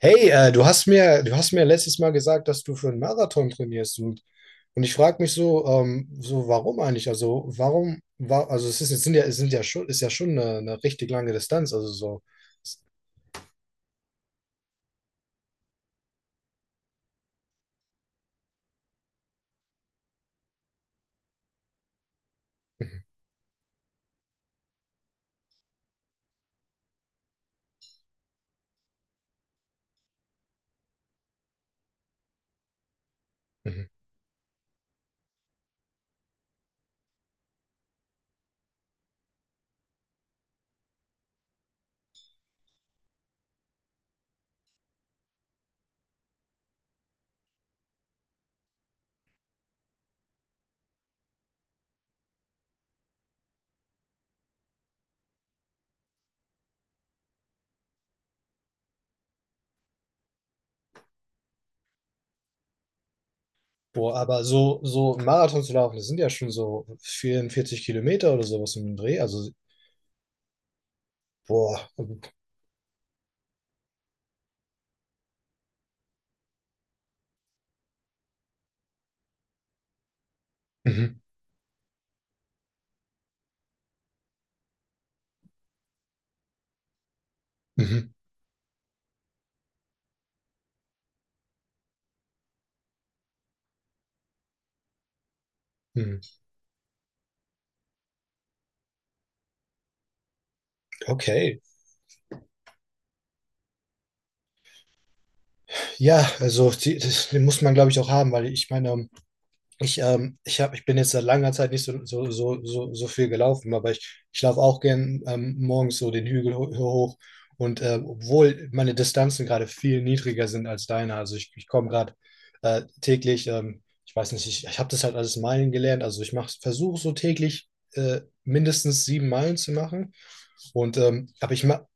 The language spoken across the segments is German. Hey, du hast mir letztes Mal gesagt, dass du für einen Marathon trainierst, und ich frage mich so, so warum eigentlich? Also warum war, also es ist, es sind ja schon, ist ja schon eine richtig lange Distanz, also so. Mhm. Boah, aber so einen Marathon zu laufen, das sind ja schon so 44 Kilometer oder sowas im Dreh. Also boah. Mhm. Mhm. Mhm. Okay. Ja, also die, das, den muss man, glaube ich, auch haben, weil ich meine. Ich, ich hab, ich bin jetzt seit langer Zeit nicht so viel gelaufen, aber ich laufe auch gern, morgens so den Hügel ho hoch. Und obwohl meine Distanzen gerade viel niedriger sind als deine, also ich komme gerade, täglich, ich weiß nicht, ich habe das halt alles Meilen gelernt. Also ich mache, versuche so täglich mindestens 7 Meilen zu machen. Und aber ich mache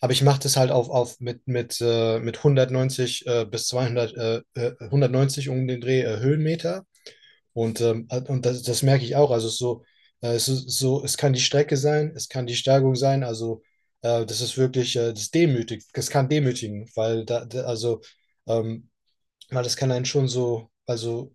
aber ich mache das halt mit 190 bis 200, 190 um den Dreh, Höhenmeter. Und das merke ich auch. Also es ist so, es ist so, es kann die Strecke sein, es kann die Steigung sein. Also das ist wirklich, das demütigt, das kann demütigen, weil da, da also, ähm, weil das kann einen schon so, also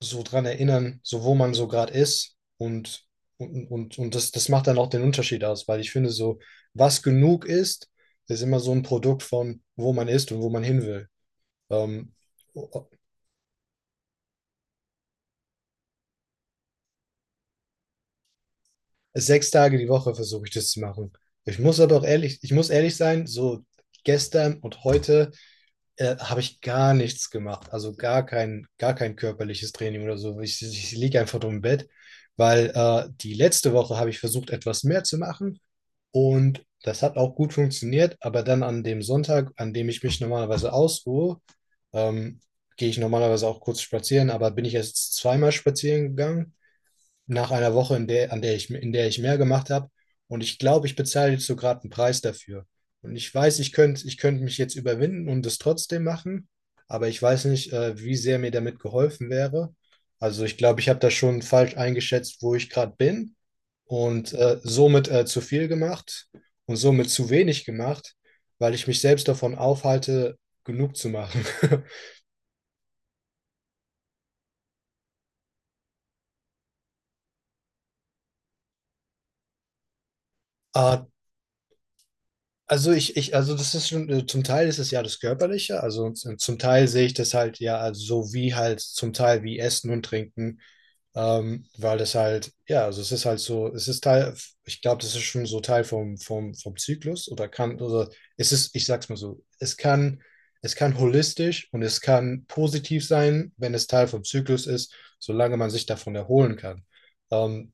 so dran erinnern, so wo man so gerade ist, und und das macht dann auch den Unterschied aus, weil ich finde, so, was genug ist, ist immer so ein Produkt von, wo man ist und wo man hin will. Ähm, 6 Tage die Woche versuche ich das zu machen. Ich muss aber auch ehrlich, ich muss ehrlich sein, so, gestern und heute habe ich gar nichts gemacht. Also gar kein körperliches Training oder so. Ich liege einfach nur im Bett, weil die letzte Woche habe ich versucht, etwas mehr zu machen, und das hat auch gut funktioniert. Aber dann an dem Sonntag, an dem ich mich normalerweise ausruhe, ähm, gehe ich normalerweise auch kurz spazieren, aber bin ich jetzt zweimal spazieren gegangen nach einer Woche, in der, an der ich, in der ich mehr gemacht habe. Und ich glaube, ich bezahle jetzt so gerade einen Preis dafür. Und ich weiß, ich könnte mich jetzt überwinden und es trotzdem machen, aber ich weiß nicht, wie sehr mir damit geholfen wäre. Also ich glaube, ich habe da schon falsch eingeschätzt, wo ich gerade bin, und somit zu viel gemacht und somit zu wenig gemacht, weil ich mich selbst davon aufhalte, genug zu machen. Ah, also also das ist schon, zum Teil ist es ja das Körperliche, also zum Teil sehe ich das halt ja, also so wie halt zum Teil wie Essen und Trinken, weil das halt, ja, also es ist halt so, es ist Teil, ich glaube, das ist schon so Teil vom Zyklus oder kann, oder es ist, ich sag's mal so, es kann holistisch und es kann positiv sein, wenn es Teil vom Zyklus ist, solange man sich davon erholen kann. Ähm,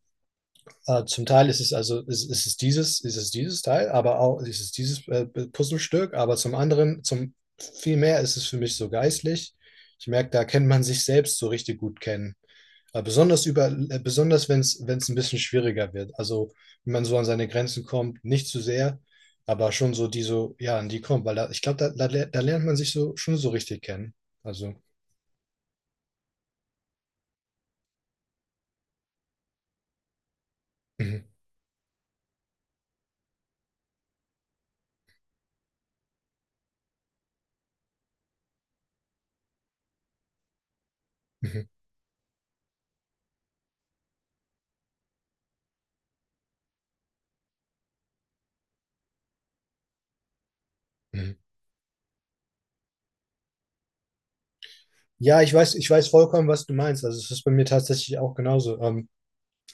Zum Teil ist es, also ist, ist es dieses Teil, aber auch ist es dieses, Puzzlestück, aber zum anderen, zum vielmehr ist es für mich so geistlich. Ich merke, da kennt man sich selbst so richtig gut kennen. Besonders über, besonders wenn es ein bisschen schwieriger wird. Also wenn man so an seine Grenzen kommt, nicht zu sehr, aber schon so die so, ja, an die kommt, weil da, ich glaube, da lernt man sich so schon so richtig kennen. Also. Mhm, mhm, mhm. Ja, ich weiß vollkommen, was du meinst. Also es ist bei mir tatsächlich auch genauso.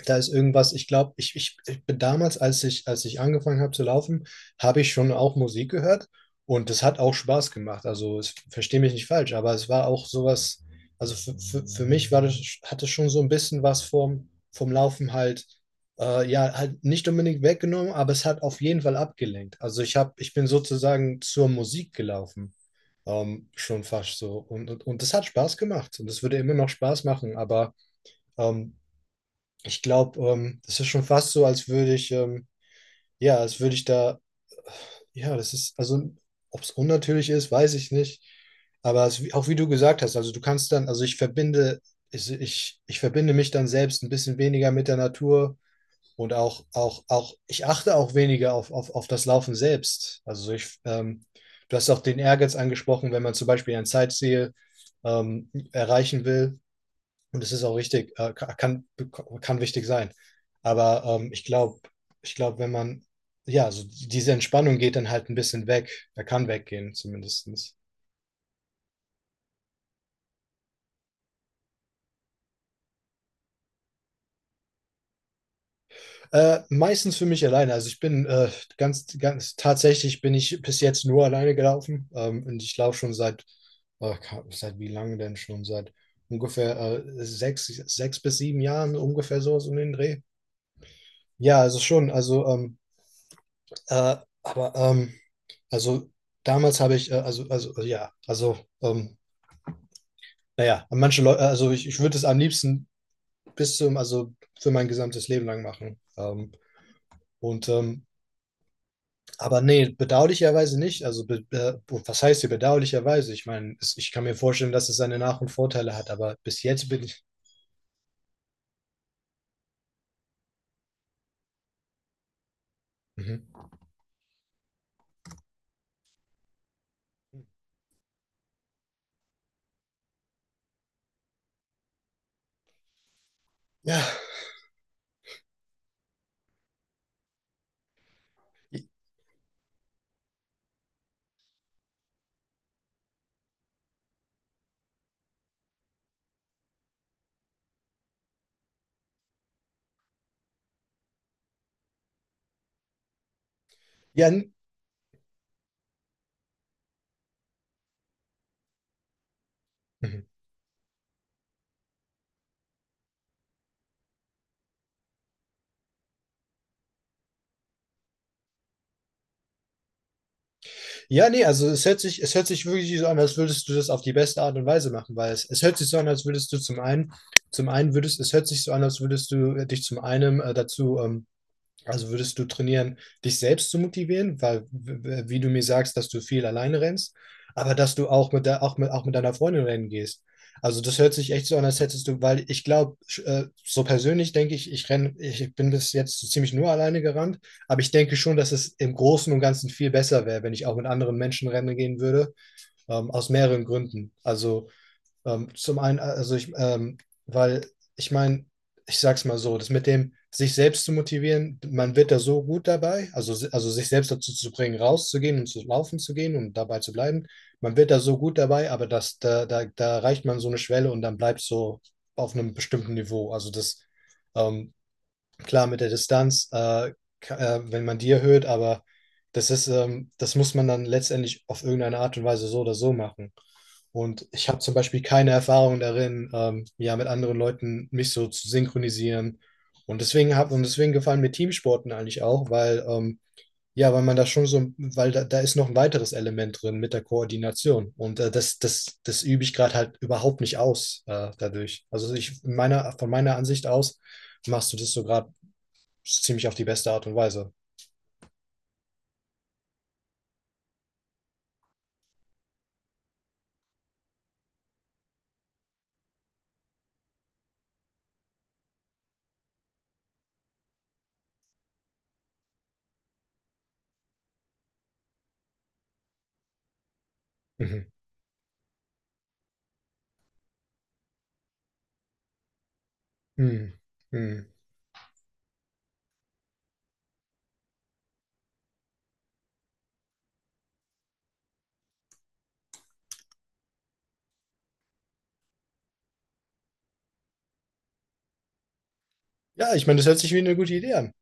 Da ist irgendwas, ich glaube, ich bin damals, als ich angefangen habe zu laufen, habe ich schon auch Musik gehört, und das hat auch Spaß gemacht. Also verstehe mich nicht falsch, aber es war auch sowas, also für mich war das, hat es schon so ein bisschen was vom Laufen halt, ja, halt nicht unbedingt weggenommen, aber es hat auf jeden Fall abgelenkt. Also ich habe, ich bin sozusagen zur Musik gelaufen. Schon fast so. Und das hat Spaß gemacht. Und das würde immer noch Spaß machen, aber ähm, ich glaube, das ist schon fast so, als würde ich, ja, als würde ich da, ja, das ist, also ob es unnatürlich ist, weiß ich nicht. Aber es, auch wie du gesagt hast, also du kannst dann, also ich verbinde mich dann selbst ein bisschen weniger mit der Natur, und auch, ich achte auch weniger auf das Laufen selbst. Also du hast auch den Ehrgeiz angesprochen, wenn man zum Beispiel ein Zeitziel erreichen will, und es ist auch richtig, kann wichtig sein. Aber ich glaube, wenn man, ja, so diese Entspannung geht dann halt ein bisschen weg. Er kann weggehen, zumindest. Meistens für mich alleine. Also ich bin, tatsächlich bin ich bis jetzt nur alleine gelaufen. Und ich laufe schon äh, seit wie lange denn schon? Seit ungefähr sechs bis sieben Jahren, ungefähr so in den Dreh. Ja, also schon, also, äh, aber, also damals habe ich, also, ja, also, naja, manche Leute, also ich würde es am liebsten bis zum, also für mein gesamtes Leben lang machen. Und ähm, aber nee, bedauerlicherweise nicht. Also, be was heißt hier bedauerlicherweise? Ich meine, es, ich kann mir vorstellen, dass es seine Nach- und Vorteile hat, aber bis jetzt bin ich. Mhm. Ja. Ja. Mhm. Ja, nee, also es hört sich wirklich so an, als würdest du das auf die beste Art und Weise machen, weil es hört sich so an, als würdest du zum einen würdest, es hört sich so an, als würdest du, dich zum einen, dazu, also würdest du trainieren, dich selbst zu motivieren, weil, wie du mir sagst, dass du viel alleine rennst, aber dass du auch mit, de auch mit deiner Freundin rennen gehst. Also das hört sich echt so an, als hättest du, weil ich glaube, so persönlich denke ich, ich renne, ich bin bis jetzt so ziemlich nur alleine gerannt, aber ich denke schon, dass es im Großen und Ganzen viel besser wäre, wenn ich auch mit anderen Menschen rennen gehen würde, aus mehreren Gründen. Also zum einen, also weil ich meine, ich sag's mal so, das mit dem sich selbst zu motivieren, man wird da so gut dabei, also, also sich selbst dazu zu bringen, rauszugehen und zu laufen zu gehen und dabei zu bleiben, man wird da so gut dabei, aber da erreicht man so eine Schwelle und dann bleibt so auf einem bestimmten Niveau. Also ähm, klar, mit der Distanz, wenn man die erhöht, aber das ist, das muss man dann letztendlich auf irgendeine Art und Weise so oder so machen. Und ich habe zum Beispiel keine Erfahrung darin, ja, mit anderen Leuten mich so zu synchronisieren. Und deswegen hab, und deswegen gefallen mir Teamsporten eigentlich auch, weil, ja, weil man da schon so, weil da ist noch ein weiteres Element drin mit der Koordination. Und das übe ich gerade halt überhaupt nicht aus, dadurch. Also ich meiner, von meiner Ansicht aus machst du das so gerade ziemlich auf die beste Art und Weise. Mhm. Mhm. Mhm. Ja, ich meine, das hört sich wie eine gute Idee an.